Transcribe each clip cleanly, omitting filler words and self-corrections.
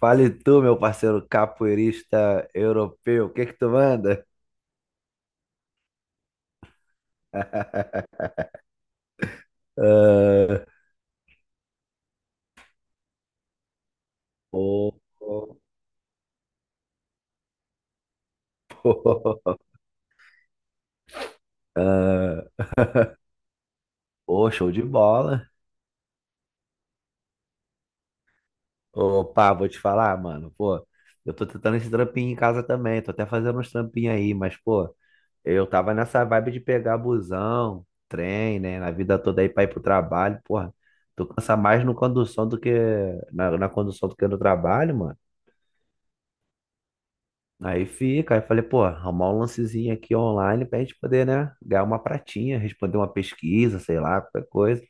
Fale tu, meu parceiro capoeirista europeu, o que que tu manda? Ah, pô, pô, pô. Pô, show de bola. Opa, vou te falar, mano, pô, eu tô tentando esse trampinho em casa também, tô até fazendo uns trampinhos aí, mas, pô, eu tava nessa vibe de pegar busão, trem, né, na vida toda aí pra ir pro trabalho, porra, tu cansa mais no condução do que, na condução do que no trabalho, mano. Aí falei, pô, arrumar um lancezinho aqui online pra gente poder, né, ganhar uma pratinha, responder uma pesquisa, sei lá, qualquer coisa.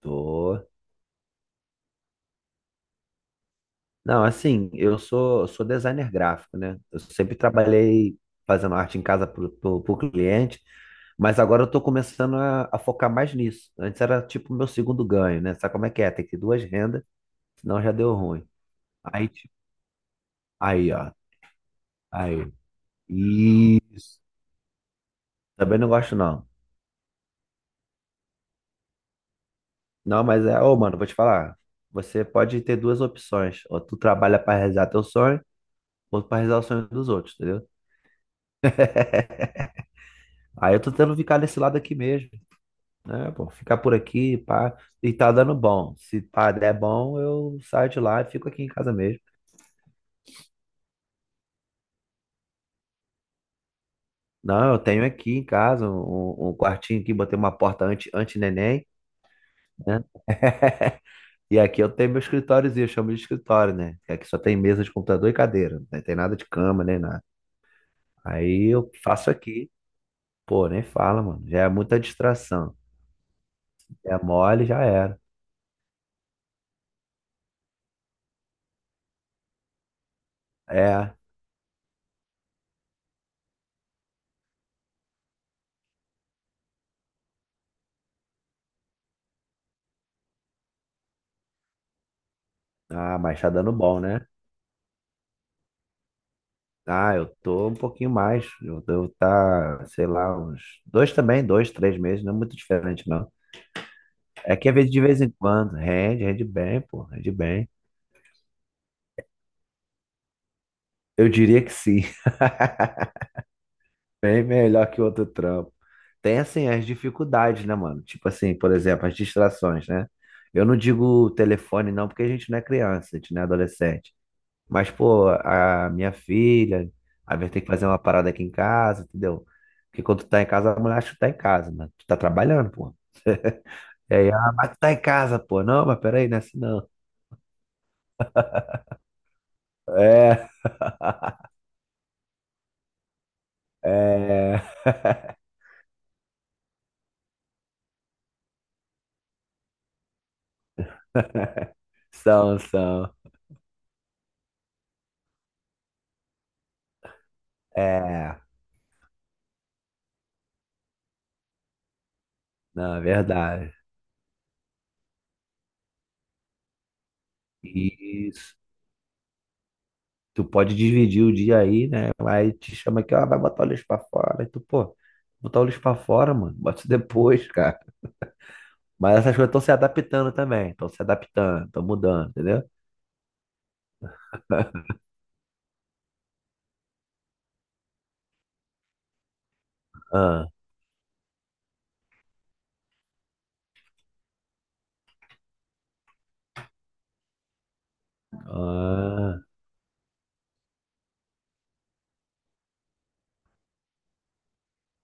Tô. Não, assim, eu sou, designer gráfico, né? Eu sempre trabalhei fazendo arte em casa pro cliente, mas agora eu tô começando a focar mais nisso. Antes era tipo o meu segundo ganho, né? Sabe como é que é? Tem que ter duas rendas, senão já deu ruim. Aí, tipo, aí, ó, aí. Isso. Também não gosto, não. Não, mas é, ô, mano, vou te falar. Você pode ter duas opções. Ou tu trabalha pra realizar teu sonho, ou pra realizar o sonho dos outros, entendeu? Aí eu tô tentando ficar nesse lado aqui mesmo, né? Pô, ficar por aqui, pá, e tá dando bom. Se pá, der bom, eu saio de lá e fico aqui em casa mesmo. Não, eu tenho aqui em casa um, um quartinho aqui, botei uma porta anti-neném, né? E aqui eu tenho meu escritóriozinho, eu chamo de escritório, né? Que aqui só tem mesa de computador e cadeira, não tem nada de cama nem nada. Aí eu faço aqui. Pô, nem fala, mano. Já é muita distração. É mole, já era. É. Ah, mas tá dando bom, né? Ah, eu tô um pouquinho mais. Eu devo tá, sei lá, uns dois também, 2, 3 meses. Não é muito diferente, não. É que às vezes de vez em quando. Rende, rende bem, pô. Rende bem. Eu diria que sim. Bem melhor que outro trampo. Tem, assim, as dificuldades, né, mano? Tipo assim, por exemplo, as distrações, né? Eu não digo telefone, não, porque a gente não é criança, a gente não é adolescente. Mas, pô, a minha filha, às vezes tem que fazer uma parada aqui em casa, entendeu? Porque quando tu tá em casa, a mulher acha que tu tá em casa, né? Tu tá trabalhando, pô. E aí, ah, mas tu tá em casa, pô. Não, mas peraí, não é assim não. É, é. São, são. É, não, é verdade. E isso. Tu pode dividir o dia aí, né? Aí te chama aqui, ó, vai botar o lixo pra fora. E tu, pô, botar o lixo pra fora, mano. Bota isso depois, cara. Mas essas coisas estão se adaptando também. Estão se adaptando, estão mudando, entendeu? Ah, ah,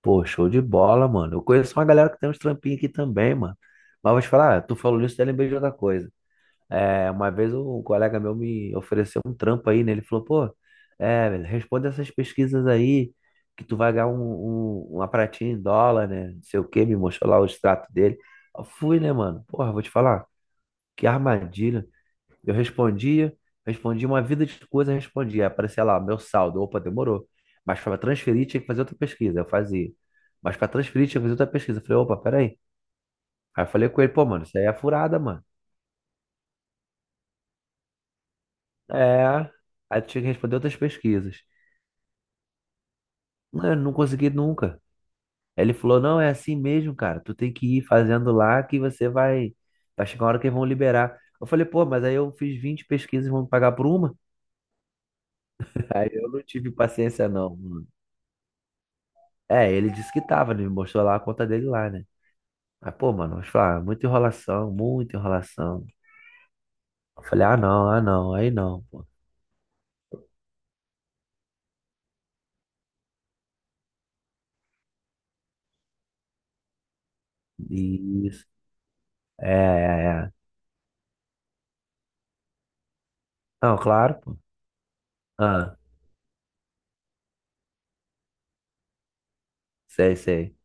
pô, show de bola, mano. Eu conheço uma galera que tem uns trampinhos aqui também, mano. Mas vou te falar, ah, tu falou isso, eu lembrei de outra coisa. É, uma vez um colega meu me ofereceu um trampo aí, né? Ele falou, pô, é, velho, responde essas pesquisas aí, que tu vai ganhar um, uma pratinha em dólar, né? Não sei o quê, me mostrou lá o extrato dele. Eu fui, né, mano? Porra, vou te falar, que armadilha. Eu respondia, respondia uma vida de coisa, respondia. Aí aparecia lá, meu saldo, opa, demorou. Mas para transferir tinha que fazer outra pesquisa, eu fazia. Mas para transferir tinha que fazer outra pesquisa. Eu falei, opa, peraí. Aí eu falei com ele, pô, mano, isso aí é furada, mano. É. Aí tinha que responder outras pesquisas. Não, eu não consegui nunca. Aí ele falou, não, é assim mesmo, cara. Tu tem que ir fazendo lá que você vai. Vai chegar uma hora que eles vão liberar. Eu falei, pô, mas aí eu fiz 20 pesquisas e vão me pagar por uma? Aí eu não tive paciência, não. É, ele disse que tava, né? Ele me mostrou lá a conta dele lá, né? Aí, pô, mano, eu falei, ah, muita enrolação, muita enrolação. Eu falei, ah, não, ah, não, aí não, pô. Isso. É, é, é. Não, claro, pô. Ah, sei, sei.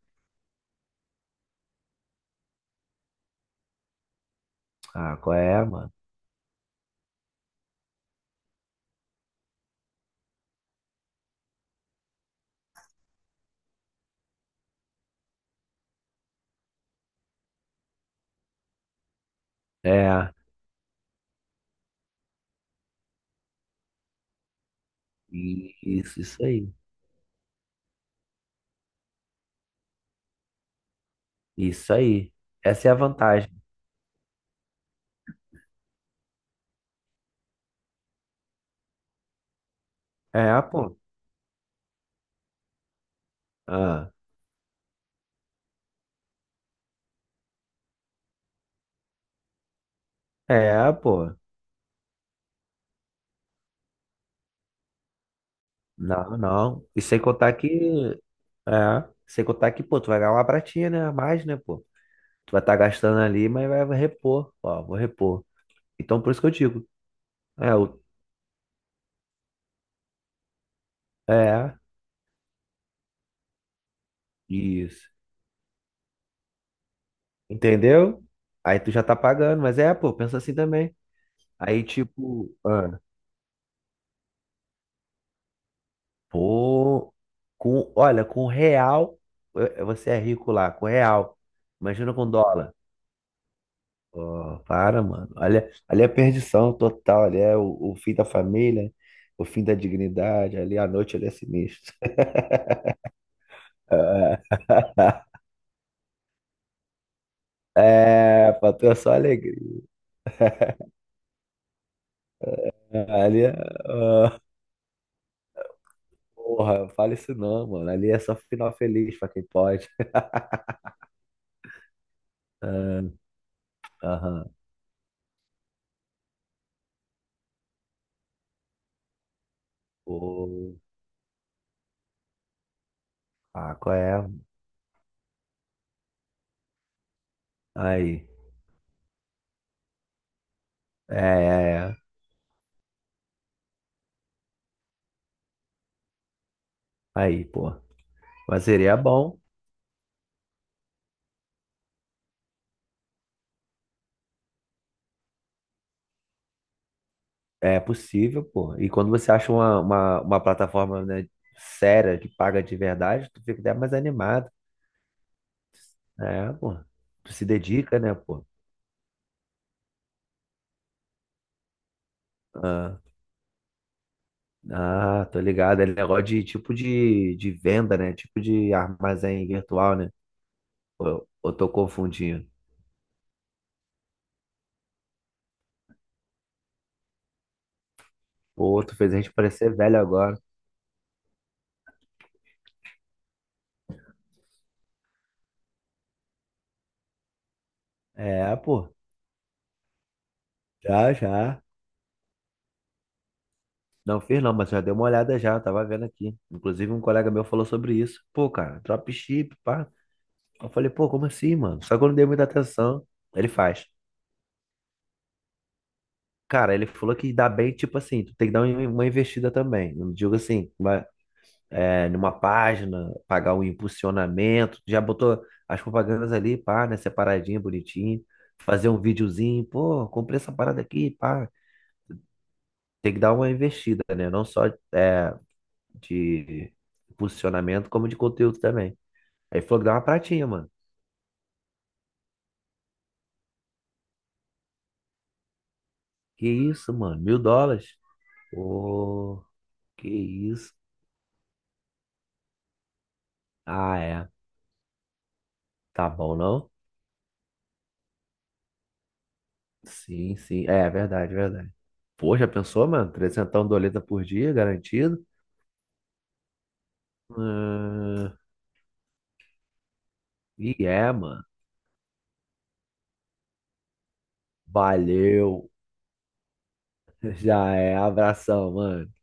Ah, qual é, mano? É, isso, isso aí. Isso aí. Essa é a vantagem. É, pô. Ah, é, pô. Não, não. E sem contar que. É, sem contar que, pô, tu vai ganhar uma pratinha, né? A mais, né, pô? Tu vai estar gastando ali, mas vai vai repor. Ó, vou repor. Então, por isso que eu digo. É, é, isso. Entendeu? Aí tu já tá pagando, mas é, pô, pensa assim também. Aí, tipo, ah, pô, com, olha, com real, eh, você é rico lá, com real. Imagina com dólar. Pô, para, mano. Olha, ali é perdição total, ali é o fim da família, o fim da dignidade, ali a noite, ali é sinistro. É, pra tu é só alegria. Ali é. Ah, porra, fale isso não, mano. Ali é só final feliz pra quem pode. Ah, aham. Pô. Ah, qual é? Aí. É, é, é. Aí, pô. Mas seria bom. É possível, pô. E quando você acha uma, uma plataforma, né, séria que paga de verdade, tu fica até mais animado. É, pô. Tu se dedica, né, pô? Ah, ah, tô ligado. É negócio de tipo de venda, né? Tipo de armazém virtual, né? Ou eu tô confundindo? Pô, tu fez a gente parecer velho agora. É, pô. Já, já. Não fiz não, mas já dei uma olhada já, tava vendo aqui. Inclusive um colega meu falou sobre isso. Pô, cara, dropship, pá. Eu falei, pô, como assim, mano? Só que eu não dei muita atenção. Ele faz. Cara, ele falou que dá bem, tipo assim, tu tem que dar um, uma investida também. Não digo assim, mas é, numa página, pagar o impulsionamento, já botou as propagandas ali, pá, né, separadinho, bonitinho, fazer um videozinho, pô, comprei essa parada aqui, pá. Tem que dar uma investida, né? Não só é, de posicionamento, como de conteúdo também. Aí falou que dá uma pratinha, mano. Que isso, mano? US$ 1.000? Ô, que isso? Ah, é. Tá bom, não? Sim, sim. É, é verdade, é verdade. Pô, já pensou, mano? Trezentão doleta por dia, garantido. Ah, e é, mano. Valeu. Já é. Abração, mano.